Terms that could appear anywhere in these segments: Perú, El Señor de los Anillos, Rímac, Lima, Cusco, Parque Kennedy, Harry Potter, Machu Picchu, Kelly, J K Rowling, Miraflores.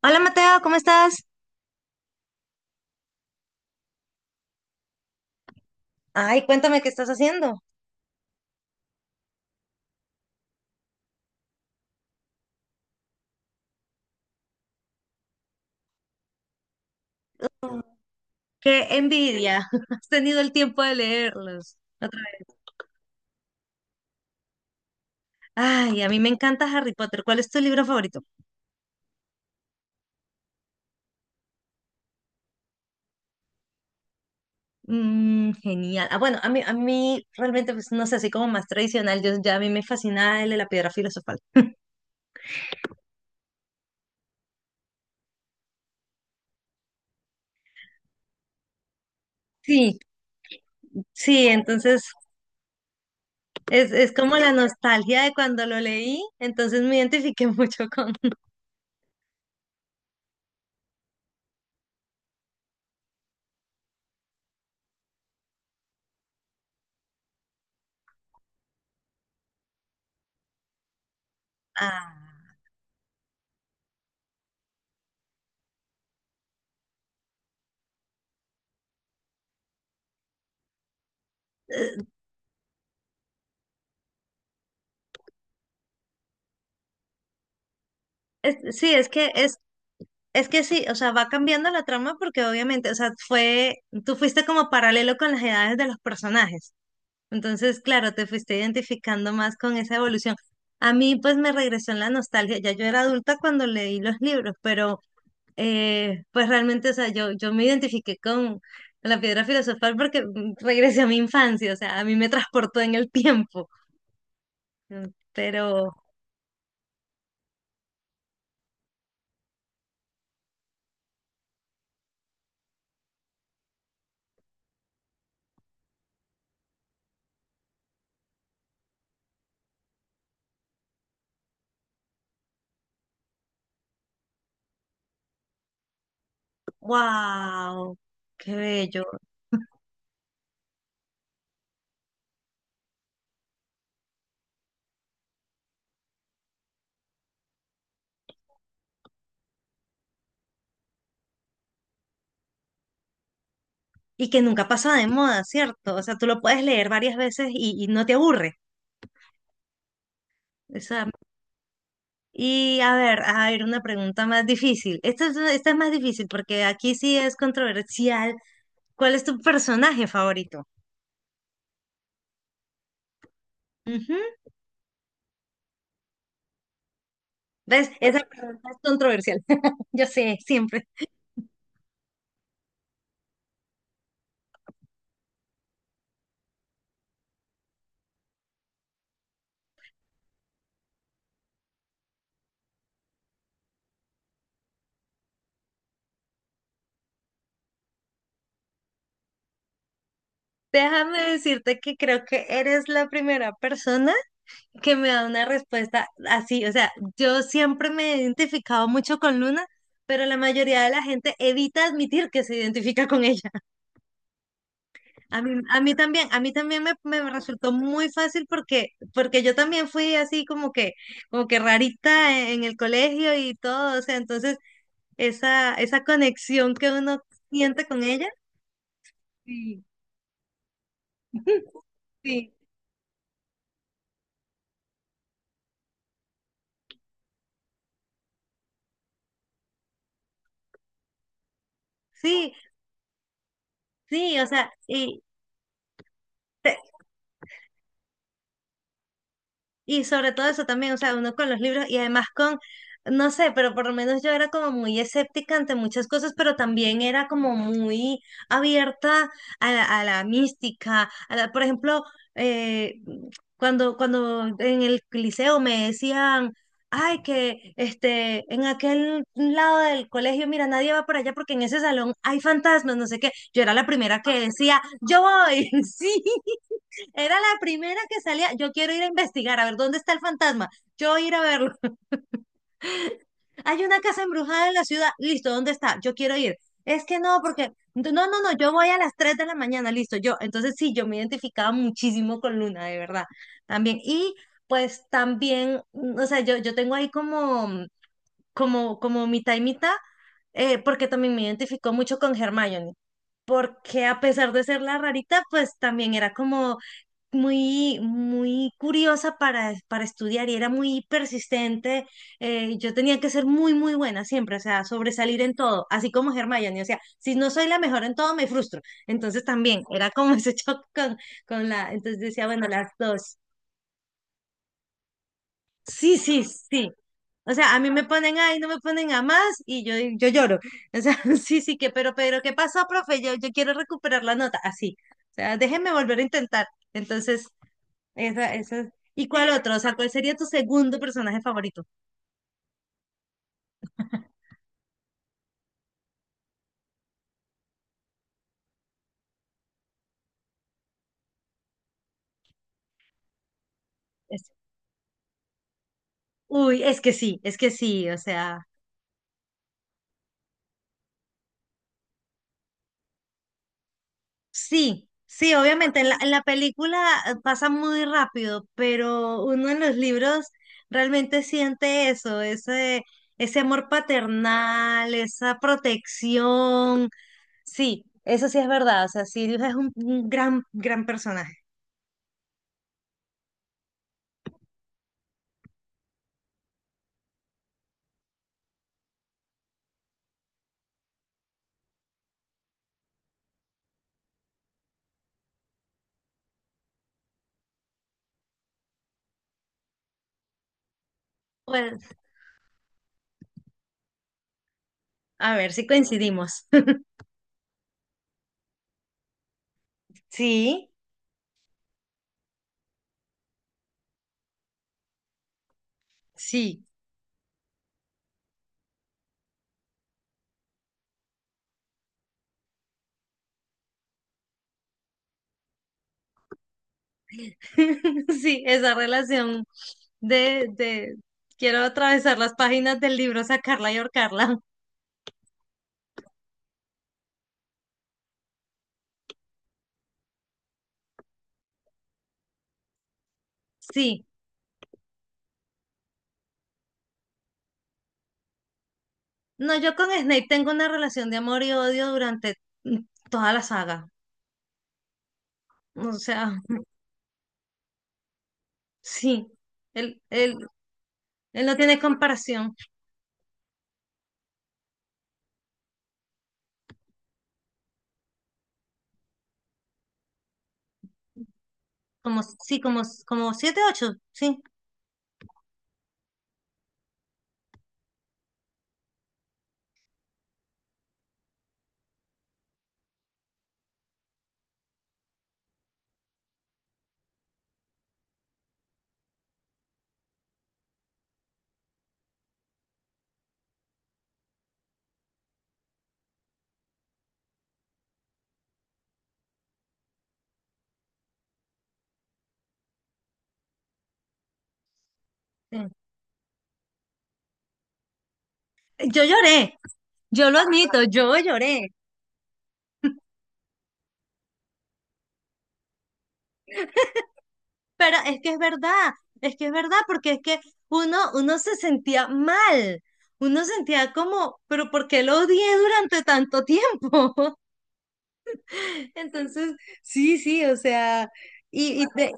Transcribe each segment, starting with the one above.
Hola Mateo, ¿cómo estás? Ay, cuéntame qué estás haciendo. Qué envidia. Has tenido el tiempo de leerlos. Otra vez. Ay, a mí me encanta Harry Potter. ¿Cuál es tu libro favorito? Mm, genial. Ah, bueno, a mí realmente, pues no sé, así como más tradicional, yo, ya a mí me fascina el de la piedra filosofal. Sí, sí, entonces es como la nostalgia de cuando lo leí, entonces me identifiqué mucho con... Ah, sí, Es que sí, o sea, va cambiando la trama porque obviamente, o sea, tú fuiste como paralelo con las edades de los personajes. Entonces, claro, te fuiste identificando más con esa evolución. A mí, pues, me regresó en la nostalgia. Ya yo era adulta cuando leí los libros, pero, pues, realmente, o sea, yo me identifiqué con la piedra filosofal porque regresé a mi infancia, o sea, a mí me transportó en el tiempo. Mm. Pero, wow, qué bello. Y que nunca pasa de moda, ¿cierto? O sea, tú lo puedes leer varias veces y no te aburre. O sea, y a ver, una pregunta más difícil. Esta es más difícil porque aquí sí es controversial. ¿Cuál es tu personaje favorito? Ujú. ¿Ves? Esa pregunta es controversial. Yo sé, siempre. Déjame decirte que creo que eres la primera persona que me da una respuesta así. O sea, yo siempre me he identificado mucho con Luna, pero la mayoría de la gente evita admitir que se identifica con ella. A mí también me resultó muy fácil porque yo también fui así como que rarita en el colegio y todo. O sea, entonces esa conexión que uno siente con ella. Sí, sí. Sí, sí, o sea. Y sobre todo eso también, o sea, uno con los libros y además con, no sé, pero por lo menos yo era como muy escéptica ante muchas cosas, pero también era como muy abierta a la mística, por ejemplo, eh, cuando en el liceo me decían, ay, que en aquel lado del colegio, mira, nadie va por allá porque en ese salón hay fantasmas, no sé qué, yo era la primera que decía, yo voy, sí. Era la primera que salía. Yo quiero ir a investigar, a ver dónde está el fantasma. Yo voy a ir a verlo. Hay una casa embrujada en la ciudad. Listo, ¿dónde está? Yo quiero ir. Es que no, porque no, no, no, yo voy a las 3 de la mañana, listo, yo. Entonces sí, yo me identificaba muchísimo con Luna, de verdad. También. Y pues también, o sea, yo tengo ahí como, como mitad y mitad, porque también me identificó mucho con Hermione porque a pesar de ser la rarita, pues también era como muy, muy curiosa para estudiar y era muy persistente. Yo tenía que ser muy, muy buena siempre, o sea, sobresalir en todo, así como Hermione, o sea, si no soy la mejor en todo, me frustro. Entonces también era como ese choque entonces decía, bueno, las dos. Sí, sí, sí. O sea, a mí me ponen ahí, no me ponen a más y yo lloro. O sea, sí, sí, que, pero, ¿qué pasó, profe? Yo quiero recuperar la nota, así. O sea, déjenme volver a intentar. Entonces, esa. ¿Y cuál otro? O sea, ¿cuál sería tu segundo personaje favorito? Es- uy, es que sí, o sea. Sí, sí, obviamente, en la película pasa muy rápido, pero uno en los libros realmente siente eso, ese amor paternal, esa protección. Sí, eso sí es verdad, o sea, Sirius es un gran, gran personaje. Pues, a ver si coincidimos. Sí, sí, sí, esa relación de quiero atravesar las páginas del libro, sacarla y ahorcarla. Sí. No, yo con Snape tengo una relación de amor y odio durante mm, toda la saga. O sea, sí, él, él, él no tiene comparación. Como, sí, como siete, ocho, sí. Sí. Yo lloré, yo lo admito, yo lloré. Pero es que es verdad, es que es verdad, porque es que uno se sentía mal. Uno sentía como, pero ¿por qué lo odié durante tanto tiempo? Entonces, sí, sí, o sea, y, y, de-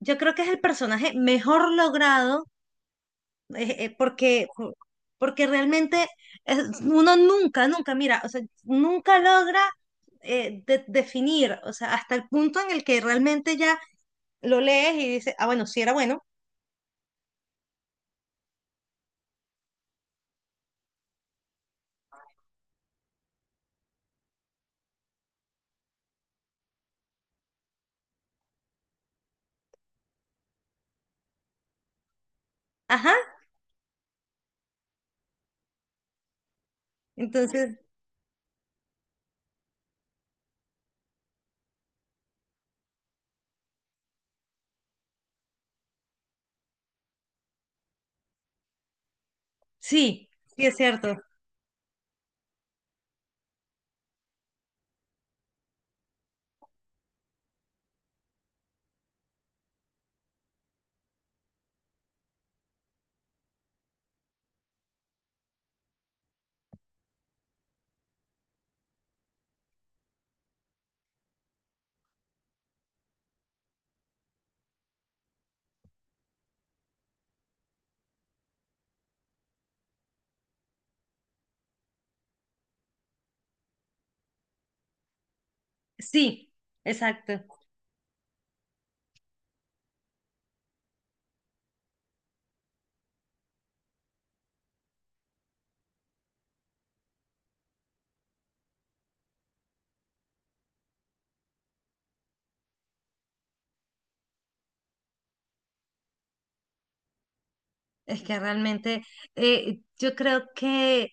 yo creo que es el personaje mejor logrado, eh, eh, porque, porque realmente uno nunca, nunca, mira, o sea, nunca logra definir, o sea, hasta el punto en el que realmente ya lo lees y dices, ah, bueno, sí era bueno, ajá, entonces, sí, sí es cierto, sí, exacto. Es que realmente yo creo que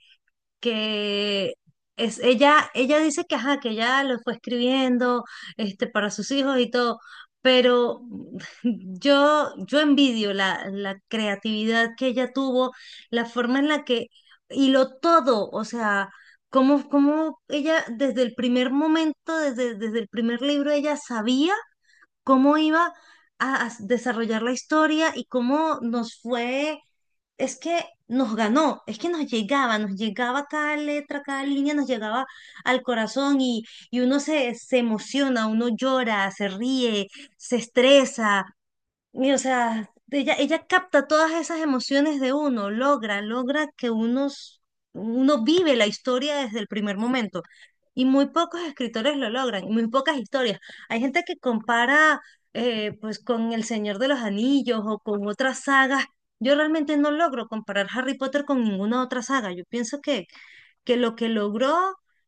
que es ella dice que ajá, que ya lo fue escribiendo para sus hijos y todo, pero yo envidio la creatividad que ella tuvo, la forma en la que hiló todo, o sea, cómo ella desde el primer momento, desde el primer libro, ella sabía cómo iba a desarrollar la historia y cómo nos fue, es que nos ganó, es que nos llegaba cada letra, cada línea, nos llegaba al corazón y uno se emociona, uno llora, se ríe, se estresa, y o sea, ella capta todas esas emociones de uno, logra que uno vive la historia desde el primer momento. Y muy pocos escritores lo logran, y muy pocas historias. Hay gente que compara pues con El Señor de los Anillos o con otras sagas. Yo realmente no logro comparar Harry Potter con ninguna otra saga. Yo pienso que lo que logró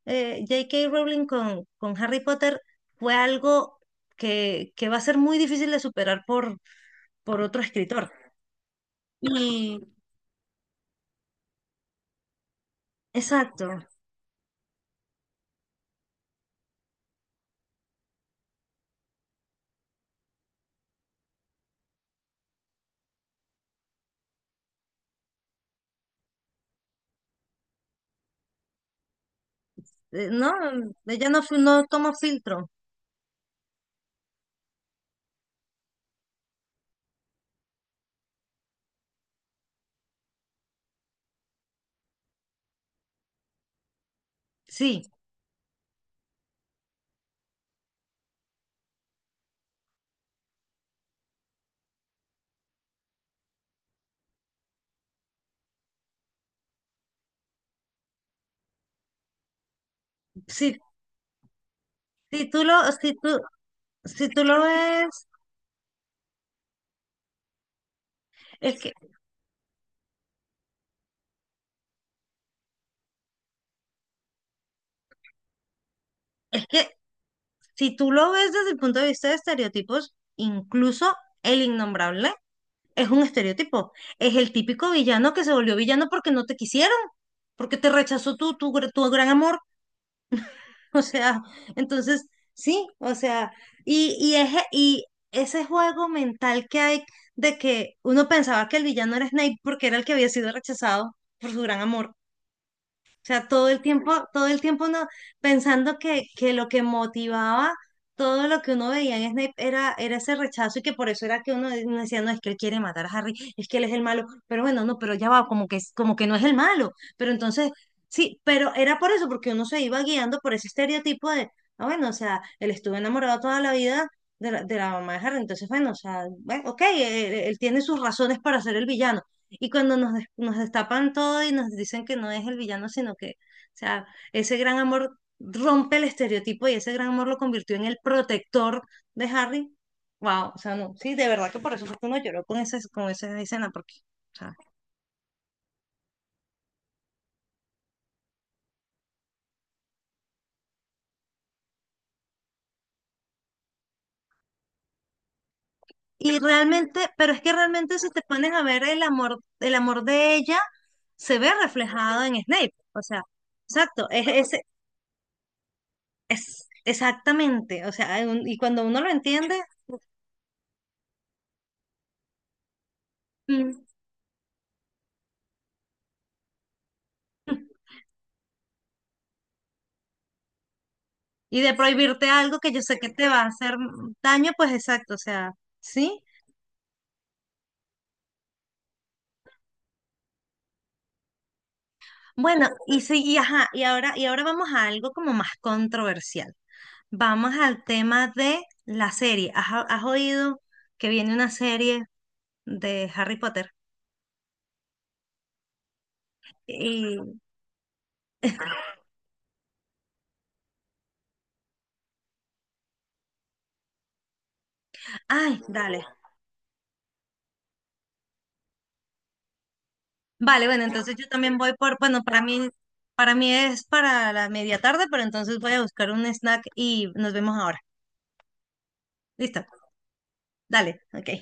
J.K. Rowling con Harry Potter fue algo que va a ser muy difícil de superar por otro escritor. Y exacto, no, ya no, no tomo filtro. Sí, sí, si tú lo, si tú, si tú lo ves, es que, es que si tú lo ves desde el punto de vista de estereotipos, incluso el innombrable es un estereotipo. Es el típico villano que se volvió villano porque no te quisieron, porque te rechazó tu gran amor. O sea, entonces, sí, o sea, y ese juego mental que hay de que uno pensaba que el villano era Snape porque era el que había sido rechazado por su gran amor. O sea, todo el tiempo no, pensando que lo que motivaba todo lo que uno veía en Snape era ese rechazo y que por eso era que uno decía, no, es que él quiere matar a Harry, es que él es el malo, pero bueno, no, pero ya va, como que no es el malo. Pero entonces, sí, pero era por eso, porque uno se iba guiando por ese estereotipo de, ah, bueno, o sea, él estuvo enamorado toda la vida. De la mamá de Harry, entonces, bueno, o sea, bueno, ok, él tiene sus razones para ser el villano y cuando nos destapan todo y nos dicen que no es el villano, sino que, o sea, ese gran amor rompe el estereotipo y ese gran amor lo convirtió en el protector de Harry. Wow, o sea, no, sí, de verdad que por eso fue que uno lloró con esa escena, porque, o sea, y realmente, pero es que realmente si te pones a ver el amor de ella, se ve reflejado en Snape, o sea, exacto, es, es exactamente, o sea, hay y cuando uno lo entiende. mm, Y de prohibirte algo que yo sé que te va a hacer daño, pues exacto, o sea, ¿sí? Bueno, y sí, y ajá, y ahora vamos a algo como más controversial. Vamos al tema de la serie. ¿Has oído que viene una serie de Harry Potter? Y, ay, dale. Vale, bueno, entonces yo también voy por, bueno, para mí es para la media tarde, pero entonces voy a buscar un snack y nos vemos ahora. Listo, dale, ok.